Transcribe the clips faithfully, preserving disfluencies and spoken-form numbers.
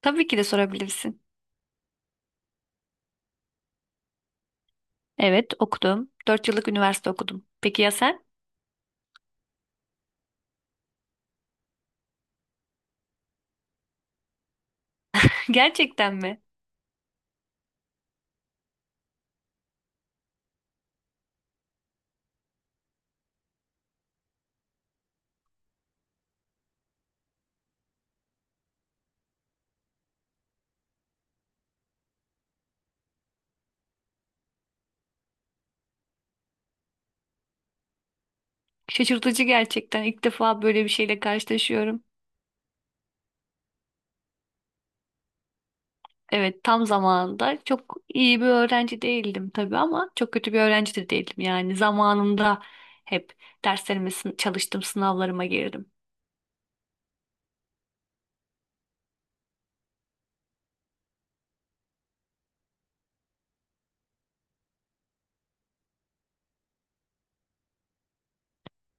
Tabii ki de sorabilirsin. Evet, okudum. Dört yıllık üniversite okudum. Peki ya sen? Gerçekten mi? Şaşırtıcı gerçekten. İlk defa böyle bir şeyle karşılaşıyorum. Evet, tam zamanında çok iyi bir öğrenci değildim tabii ama çok kötü bir öğrenci de değildim. Yani zamanında hep derslerime sın- çalıştım, sınavlarıma girdim.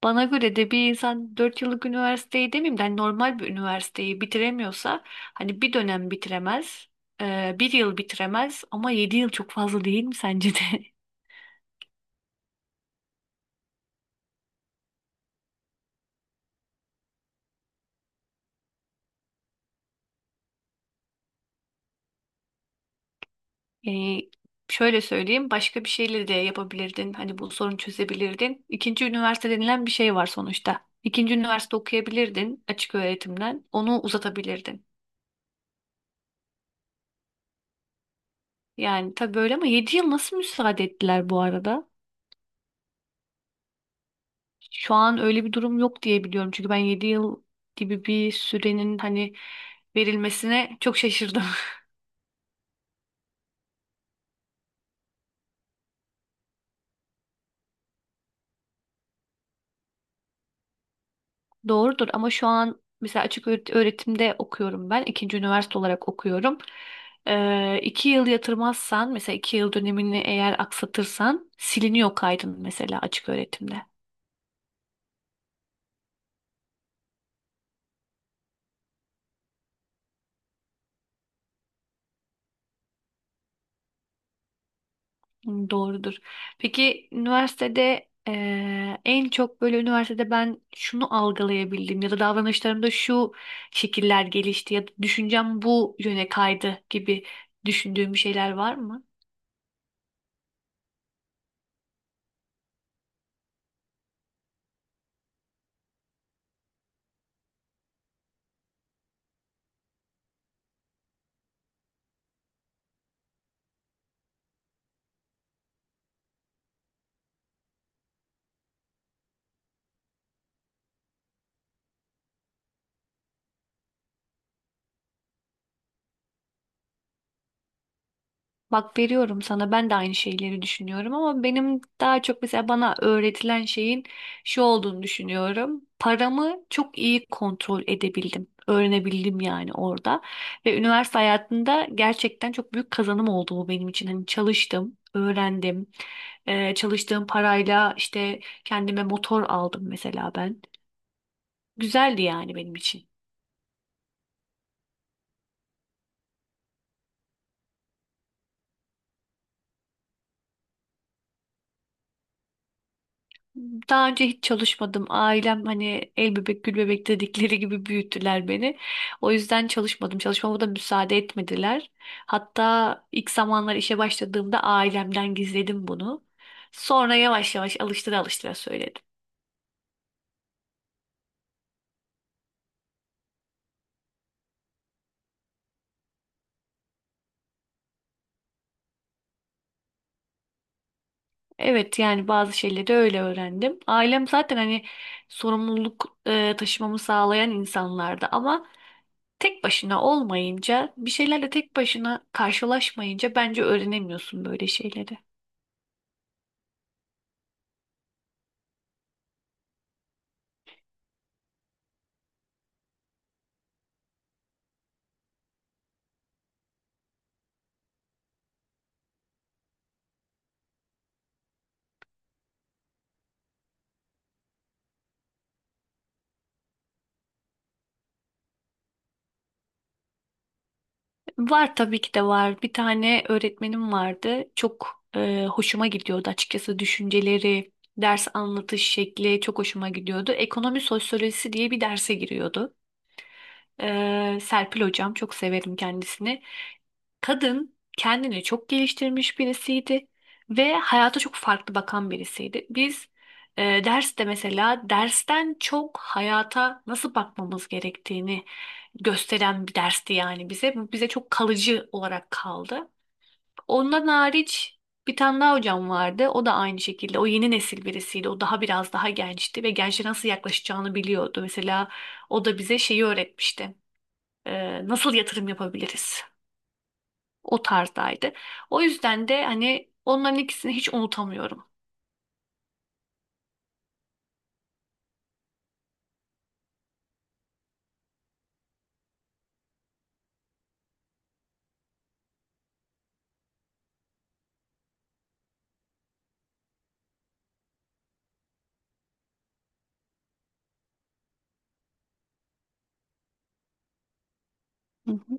Bana göre de bir insan dört yıllık üniversiteyi demeyeyim de hani normal bir üniversiteyi bitiremiyorsa hani bir dönem bitiremez, e, bir yıl bitiremez ama yedi yıl çok fazla değil mi sence de? Yani şöyle söyleyeyim, başka bir şeyle de yapabilirdin, hani bu sorunu çözebilirdin. İkinci üniversite denilen bir şey var sonuçta. İkinci üniversite okuyabilirdin, açık öğretimden onu uzatabilirdin. Yani tabii böyle, ama yedi yıl nasıl müsaade ettiler bu arada? Şu an öyle bir durum yok diye biliyorum. Çünkü ben yedi yıl gibi bir sürenin hani verilmesine çok şaşırdım. Doğrudur, ama şu an mesela açık öğret- öğretimde okuyorum ben. İkinci üniversite olarak okuyorum. Ee, iki yıl yatırmazsan, mesela iki yıl dönemini eğer aksatırsan siliniyor kaydın mesela açık öğretimde. Hı, doğrudur. Peki üniversitede eee, en çok böyle üniversitede ben şunu algılayabildim ya da davranışlarımda şu şekiller gelişti ya da düşüncem bu yöne kaydı gibi düşündüğüm bir şeyler var mı? Bak, veriyorum sana, ben de aynı şeyleri düşünüyorum, ama benim daha çok mesela bana öğretilen şeyin şu olduğunu düşünüyorum. Paramı çok iyi kontrol edebildim. Öğrenebildim yani orada. Ve üniversite hayatında gerçekten çok büyük kazanım oldu bu benim için. Hani çalıştım, öğrendim. Ee, çalıştığım parayla işte kendime motor aldım mesela ben. Güzeldi yani benim için. Daha önce hiç çalışmadım. Ailem hani el bebek gül bebek dedikleri gibi büyüttüler beni. O yüzden çalışmadım. Çalışmama da müsaade etmediler. Hatta ilk zamanlar işe başladığımda ailemden gizledim bunu. Sonra yavaş yavaş alıştıra alıştıra söyledim. Evet, yani bazı şeyleri öyle öğrendim. Ailem zaten hani sorumluluk e, taşımamı sağlayan insanlardı, ama tek başına olmayınca, bir şeylerle tek başına karşılaşmayınca bence öğrenemiyorsun böyle şeyleri. Var, tabii ki de var. Bir tane öğretmenim vardı. Çok e, hoşuma gidiyordu açıkçası düşünceleri, ders anlatış şekli çok hoşuma gidiyordu. Ekonomi sosyolojisi diye bir derse giriyordu. E, Serpil hocam, çok severim kendisini. Kadın kendini çok geliştirmiş birisiydi ve hayata çok farklı bakan birisiydi. Biz e, derste mesela dersten çok hayata nasıl bakmamız gerektiğini gösteren bir dersti yani bize. Bu bize çok kalıcı olarak kaldı. Ondan hariç bir tane daha hocam vardı. O da aynı şekilde. O yeni nesil birisiydi. O daha biraz daha gençti ve gençlere nasıl yaklaşacağını biliyordu. Mesela o da bize şeyi öğretmişti. E, nasıl yatırım yapabiliriz? O tarzdaydı. O yüzden de hani onların ikisini hiç unutamıyorum. Hı hı.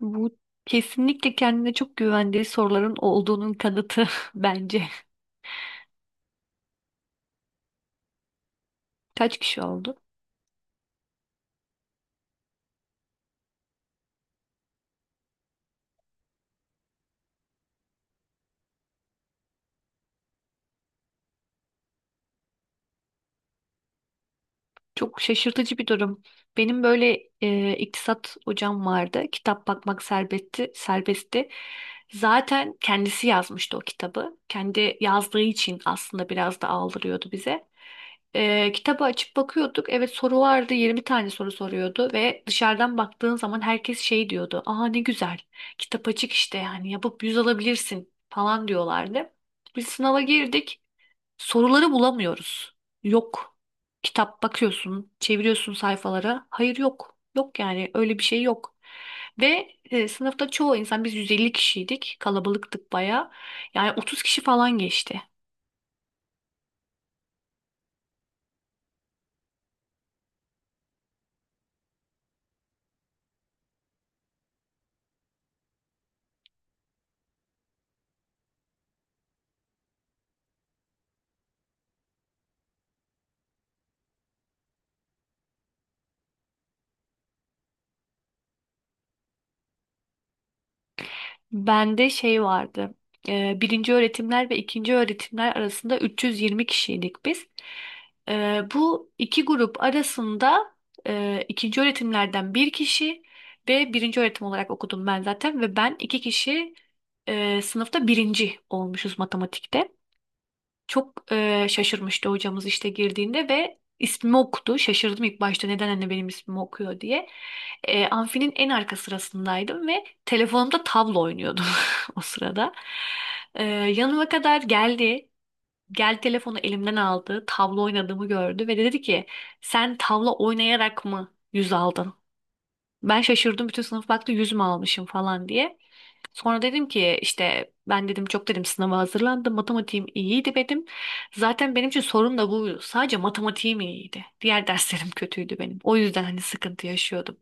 Bu kesinlikle kendine çok güvendiği soruların olduğunun kanıtı bence. Kaç kişi oldu? Çok şaşırtıcı bir durum. Benim böyle e, iktisat hocam vardı. Kitap bakmak serbestti, serbestti. Zaten kendisi yazmıştı o kitabı. Kendi yazdığı için aslında biraz da aldırıyordu bize. E, kitabı açıp bakıyorduk. Evet, soru vardı. Yirmi tane soru soruyordu ve dışarıdan baktığın zaman herkes şey diyordu. Aa, ne güzel. Kitap açık işte, yani yapıp yüz alabilirsin falan diyorlardı. Biz sınava girdik. Soruları bulamıyoruz. Yok. Kitap bakıyorsun, çeviriyorsun sayfalara. Hayır, yok. Yok, yani öyle bir şey yok. Ve e, sınıfta çoğu insan, biz yüz elli kişiydik. Kalabalıktık baya. Yani otuz kişi falan geçti. Bende şey vardı. Ee, birinci öğretimler ve ikinci öğretimler arasında üç yüz yirmi kişiydik biz. Ee, bu iki grup arasında e, ikinci öğretimlerden bir kişi ve birinci öğretim olarak okudum ben zaten ve ben, iki kişi e, sınıfta birinci olmuşuz matematikte. Çok e, şaşırmıştı hocamız işte girdiğinde ve ismimi okudu. Şaşırdım ilk başta, neden anne benim ismimi okuyor diye. E, amfinin en arka sırasındaydım ve telefonumda tablo oynuyordum o sırada. E, yanıma kadar geldi. Gel, telefonu elimden aldı. Tablo oynadığımı gördü ve dedi ki, sen tavla oynayarak mı yüz aldın? Ben şaşırdım, bütün sınıf baktı, yüz mü almışım falan diye. Sonra dedim ki işte, ben dedim çok dedim sınava hazırlandım. Matematiğim iyiydi benim. Zaten benim için sorun da bu. Sadece matematiğim iyiydi. Diğer derslerim kötüydü benim. O yüzden hani sıkıntı yaşıyordum.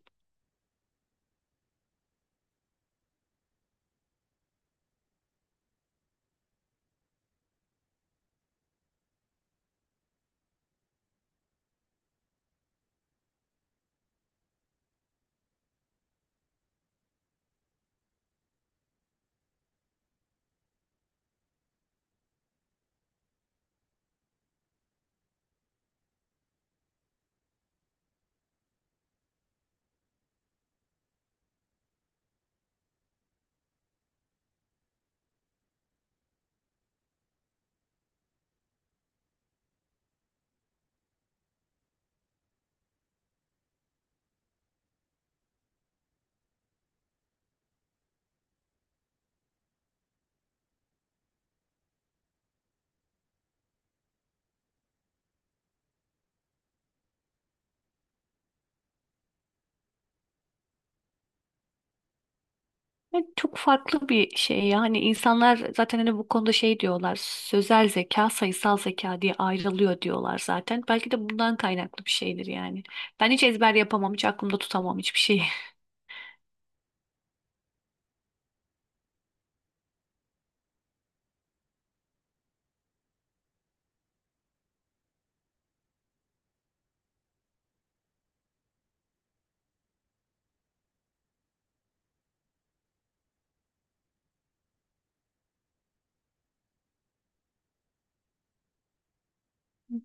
Yani çok farklı bir şey yani, insanlar zaten hani bu konuda şey diyorlar, sözel zeka sayısal zeka diye ayrılıyor diyorlar zaten, belki de bundan kaynaklı bir şeydir yani. Ben hiç ezber yapamam, hiç aklımda tutamam hiçbir şeyi.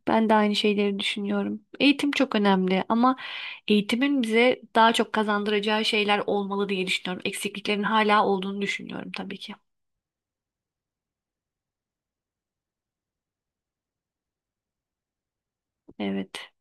Ben de aynı şeyleri düşünüyorum. Eğitim çok önemli, ama eğitimin bize daha çok kazandıracağı şeyler olmalı diye düşünüyorum. Eksikliklerin hala olduğunu düşünüyorum tabii ki. Evet.